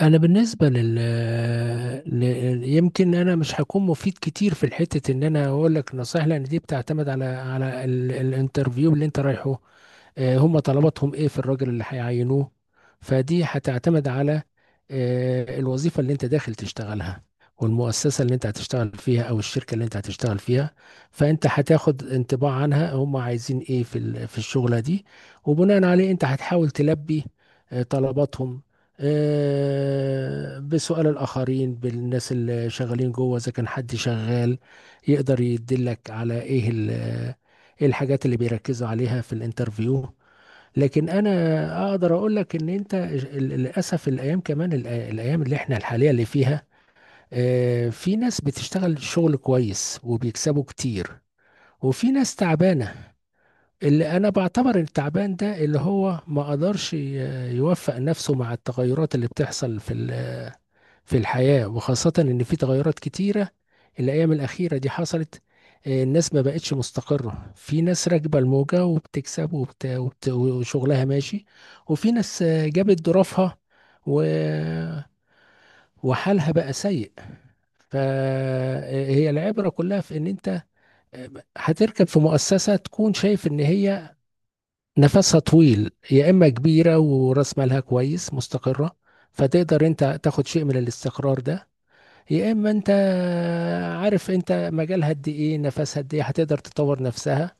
انا بالنسبه ل... يمكن انا مش هكون مفيد كتير في الحته ان انا اقول لك نصيحه، لان دي بتعتمد على الانترفيو اللي انت رايحه. هم طلباتهم ايه في الراجل اللي هيعينوه؟ فدي هتعتمد على الوظيفة اللي انت داخل تشتغلها، والمؤسسة اللي انت هتشتغل فيها او الشركة اللي انت هتشتغل فيها. فانت هتاخد انطباع عنها، هم عايزين ايه في في الشغلة دي، وبناء عليه انت هتحاول تلبي طلباتهم بسؤال الآخرين، بالناس اللي شغالين جوه، إذا كان حد شغال يقدر يدلك على إيه إيه الحاجات اللي بيركزوا عليها في الانترفيو. لكن انا اقدر اقول لك ان انت للاسف الايام، كمان الايام اللي احنا الحاليه اللي فيها في ناس بتشتغل شغل كويس وبيكسبوا كتير، وفي ناس تعبانه. اللي انا بعتبر التعبان ده اللي هو ما قدرش يوفق نفسه مع التغيرات اللي بتحصل في الحياة، وخاصة إن في تغيرات كتيرة الأيام الأخيرة دي حصلت. الناس ما بقتش مستقرة، في ناس راكبة الموجة وبتكسب وشغلها ماشي، وفي ناس جابت ظروفها و... وحالها بقى سيء. فهي العبرة كلها في إن أنت آه، هتركب في مؤسسة تكون شايف إن هي نفسها طويل، يا إما كبيرة ورأس مالها كويس مستقرة، فتقدر أنت تاخد شيء من الاستقرار ده، يا اما انت عارف انت مجالها قد ايه، نفسها قد ايه، هتقدر تطور نفسها.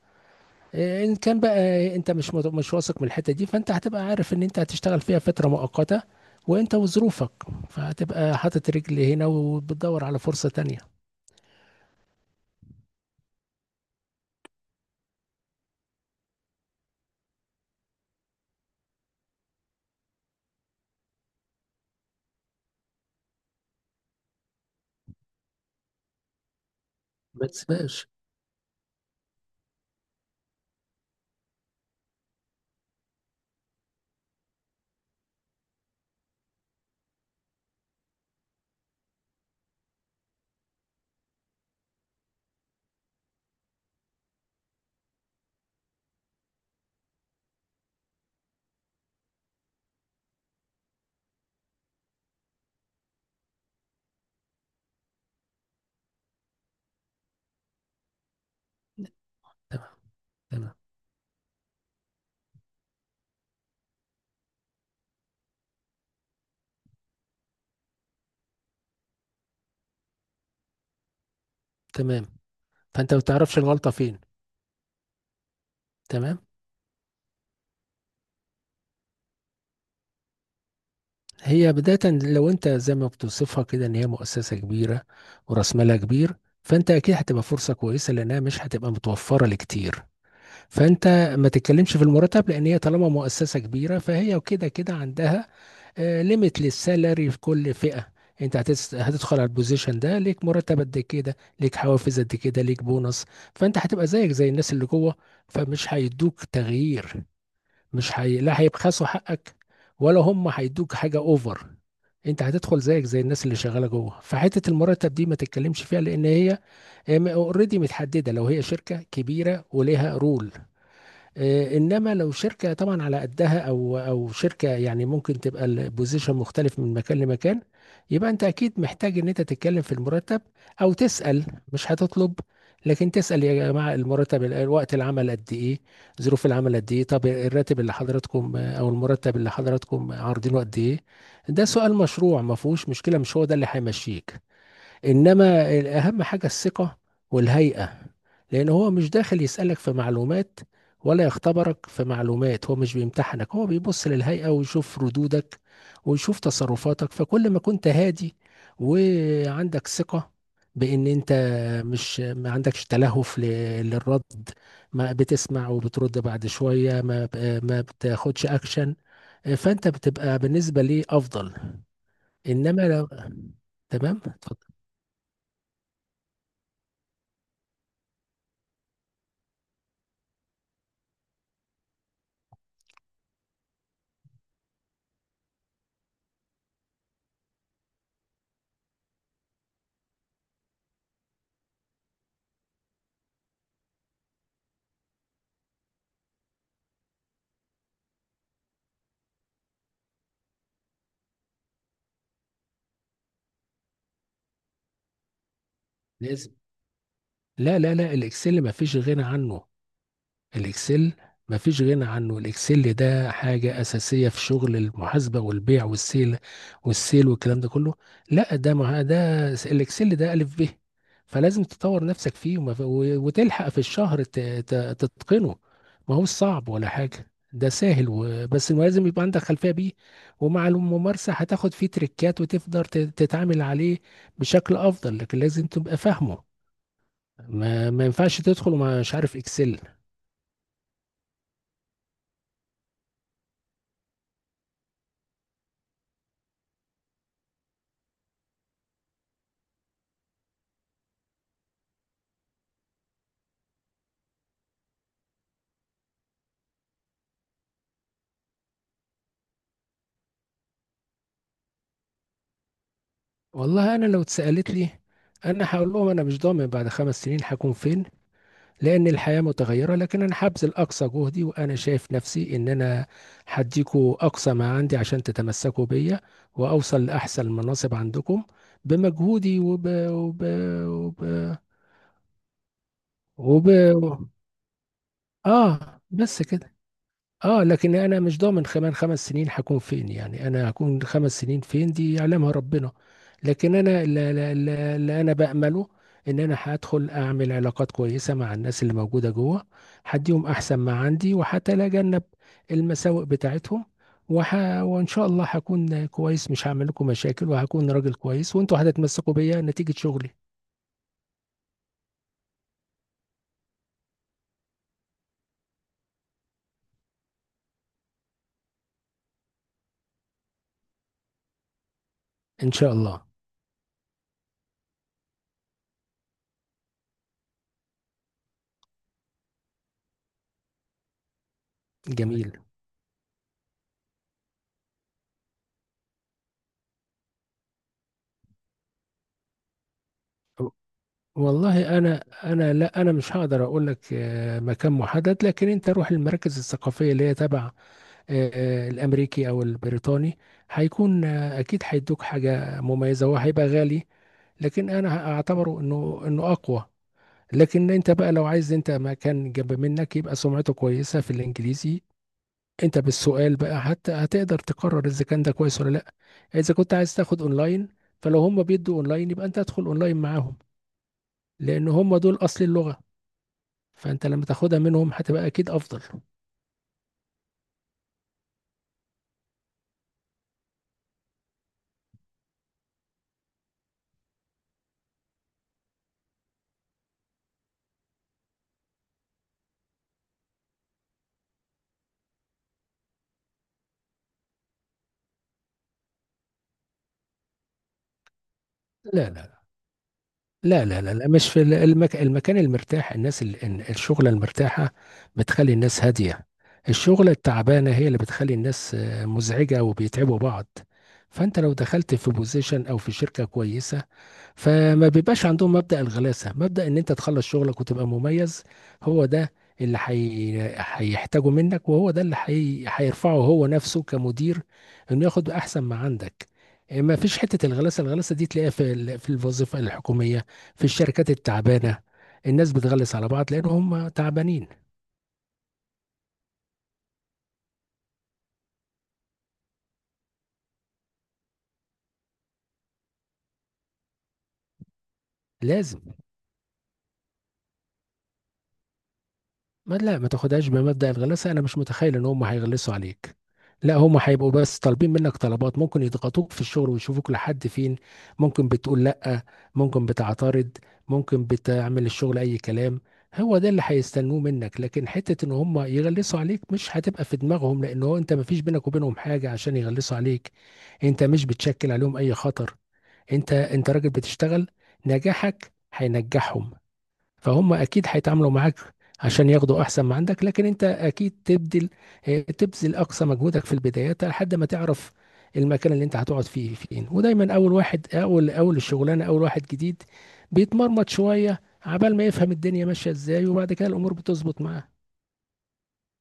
ان كان بقى انت مش واثق من الحته دي، فانت هتبقى عارف ان انت هتشتغل فيها فتره مؤقته، وانت وظروفك، فهتبقى حاطط رجل هنا وبتدور على فرصه تانية. ما تسيبهاش. تمام. تمام. تمام. فانت ما بتعرفش الغلطه فين. تمام. هي بدايه، لو انت زي ما بتوصفها كده ان هي مؤسسه كبيره وراس مالها كبير، فانت اكيد هتبقى فرصه كويسه لانها مش هتبقى متوفره لكتير. فانت ما تتكلمش في المرتب، لان هي طالما مؤسسه كبيره فهي وكده كده عندها ليميت للسالري في كل فئه. انت هتدخل على البوزيشن ده، ليك مرتب قد كده، ليك حوافز قد كده، ليك بونص. فانت هتبقى زيك زي الناس اللي جوه، فمش هيدوك تغيير، مش هي... لا هيبخسوا حقك، ولا هم هيدوك حاجه اوفر. انت هتدخل زيك زي الناس اللي شغاله جوه، فحته المرتب دي ما تتكلمش فيها، لان هي اوريدي متحدده، لو هي شركه كبيره وليها رول. انما لو شركه طبعا على قدها، او شركه يعني ممكن تبقى البوزيشن مختلف من مكان لمكان، يبقى انت اكيد محتاج ان انت تتكلم في المرتب او تسال. مش هتطلب، لكن تسال يا جماعه، المرتب، الوقت، العمل قد ايه، ظروف العمل قد ايه، طب الراتب اللي حضراتكم او المرتب اللي حضراتكم عارضينه قد ايه. ده سؤال مشروع، ما فيهوش مشكله، مش هو ده اللي هيمشيك. انما اهم حاجه الثقه والهيئه، لأن هو مش داخل يسألك في معلومات، ولا يختبرك في معلومات، هو مش بيمتحنك، هو بيبص للهيئة ويشوف ردودك ويشوف تصرفاتك. فكل ما كنت هادي، وعندك ثقة بأن أنت مش ما عندكش تلهف للرد، ما بتسمع وبترد بعد شوية، ما بتاخدش أكشن، فأنت بتبقى بالنسبة لي أفضل. إنما لو تمام، اتفضل. لازم. لا لا لا، الإكسل ما فيش غنى عنه. الاكسل مفيش غنى عنه، الاكسل ده حاجة اساسية في شغل المحاسبة والبيع والسيل والكلام ده كله. لا ده مع ده الاكسل ده الف ب. فلازم تطور نفسك فيه، وتلحق في الشهر تتقنه. ما هو صعب ولا حاجة، ده سهل بس ما لازم يبقى عندك خلفية بيه. ومع الممارسة هتاخد فيه تريكات، وتقدر تتعامل عليه بشكل افضل، لكن لازم تبقى فاهمه. ما ينفعش تدخل ومش عارف اكسل. والله انا لو اتسالت لي، انا هقول لهم انا مش ضامن بعد خمس سنين هكون فين. لان الحياه متغيره، لكن انا هبذل اقصى جهدي، وانا شايف نفسي ان انا هديكوا اقصى ما عندي عشان تتمسكوا بيا، واوصل لاحسن مناصب عندكم بمجهودي وب, وب... اه بس كده. اه، لكن انا مش ضامن كمان خمس سنين هكون فين، يعني انا هكون خمس سنين فين دي يعلمها ربنا. لكن انا اللي انا بأمله ان انا هدخل اعمل علاقات كويسة مع الناس اللي موجودة جوه، هديهم احسن ما عندي، وهتجنب المساوئ بتاعتهم وح... وان شاء الله هكون كويس، مش هعمل لكم مشاكل، وهكون راجل كويس، وانتوا هتتمسكوا بيا نتيجة شغلي. ان شاء الله. جميل. والله انا مش هقدر اقول لك مكان محدد، لكن انت روح المراكز الثقافيه اللي هي تبع الامريكي او البريطاني. هيكون اكيد هيدوك حاجه مميزه وهيبقى غالي، لكن انا اعتبره انه اقوى. لكن انت بقى لو عايز انت مكان جنب منك يبقى سمعته كويسه في الانجليزي، انت بالسؤال بقى حتى هتقدر تقرر اذا كان ده كويس ولا لا. اذا كنت عايز تاخد اونلاين، فلو هم بيدوا اونلاين يبقى انت ادخل اونلاين معاهم، لان هم دول اصل اللغه. فأنت لما تاخدها منهم هتبقى أكيد أفضل. لا، لا، لا، لا، لا، لا، لا، مش في ال المك المكان المرتاح، الناس ال ال الشُغلة المرتاحة بتخلّي الناس هادية، الشُغلة التعبانة هي اللي بتخلّي الناس مزعجة وبيتعبوا بعض. فأنت لو دخلت في position أو في شركة كويسة، فما بيبقاش عندهم مبدأ الغلاسة، مبدأ ان انت تخلص شغلك وتبقى مميز. هو ده اللي هيحتاجه منك، وهو ده اللي هيرفعه هو نفسه كمدير، انه ياخد احسن ما عندك. ما فيش حتة الغلاسة، الغلاسة دي تلاقيها في في الوظيفة الحكومية، في الشركات التعبانة، الناس بتغلس على بعض لان هم تعبانين. لازم. ما تاخدهاش بمبدأ الغلاسة، انا مش متخيل ان هم هيغلسوا عليك. لا، هم هيبقوا بس طالبين منك طلبات، ممكن يضغطوك في الشغل ويشوفوك لحد فين، ممكن بتقول لا، ممكن بتعترض، ممكن بتعمل الشغل اي كلام. هو ده اللي هيستنوه منك، لكن حتة ان هم يغلسوا عليك مش هتبقى في دماغهم، لان هو انت ما فيش بينك وبينهم حاجة عشان يغلسوا عليك. انت مش بتشكل عليهم اي خطر، انت راجل بتشتغل، نجاحك هينجحهم، فهم اكيد هيتعاملوا معاك عشان ياخدوا احسن ما عندك. لكن انت اكيد تبذل، تبذل اقصى مجهودك في البدايات لحد ما تعرف المكان اللي انت هتقعد فيه فين. ودايما اول واحد، اول اول الشغلانه، اول واحد جديد بيتمرمط شويه عبال ما يفهم الدنيا ماشيه ازاي، وبعد كده الامور بتظبط معاه.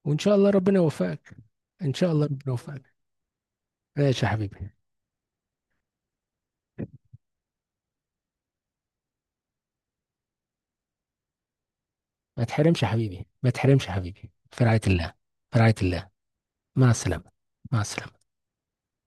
وان شاء الله ربنا يوفقك. ان شاء الله ربنا يوفقك. ماشي يا حبيبي. ما تحرمش يا حبيبي، ما تحرمش يا حبيبي، في رعايه الله. في رعايه الله. مع السلامه. مع السلامه.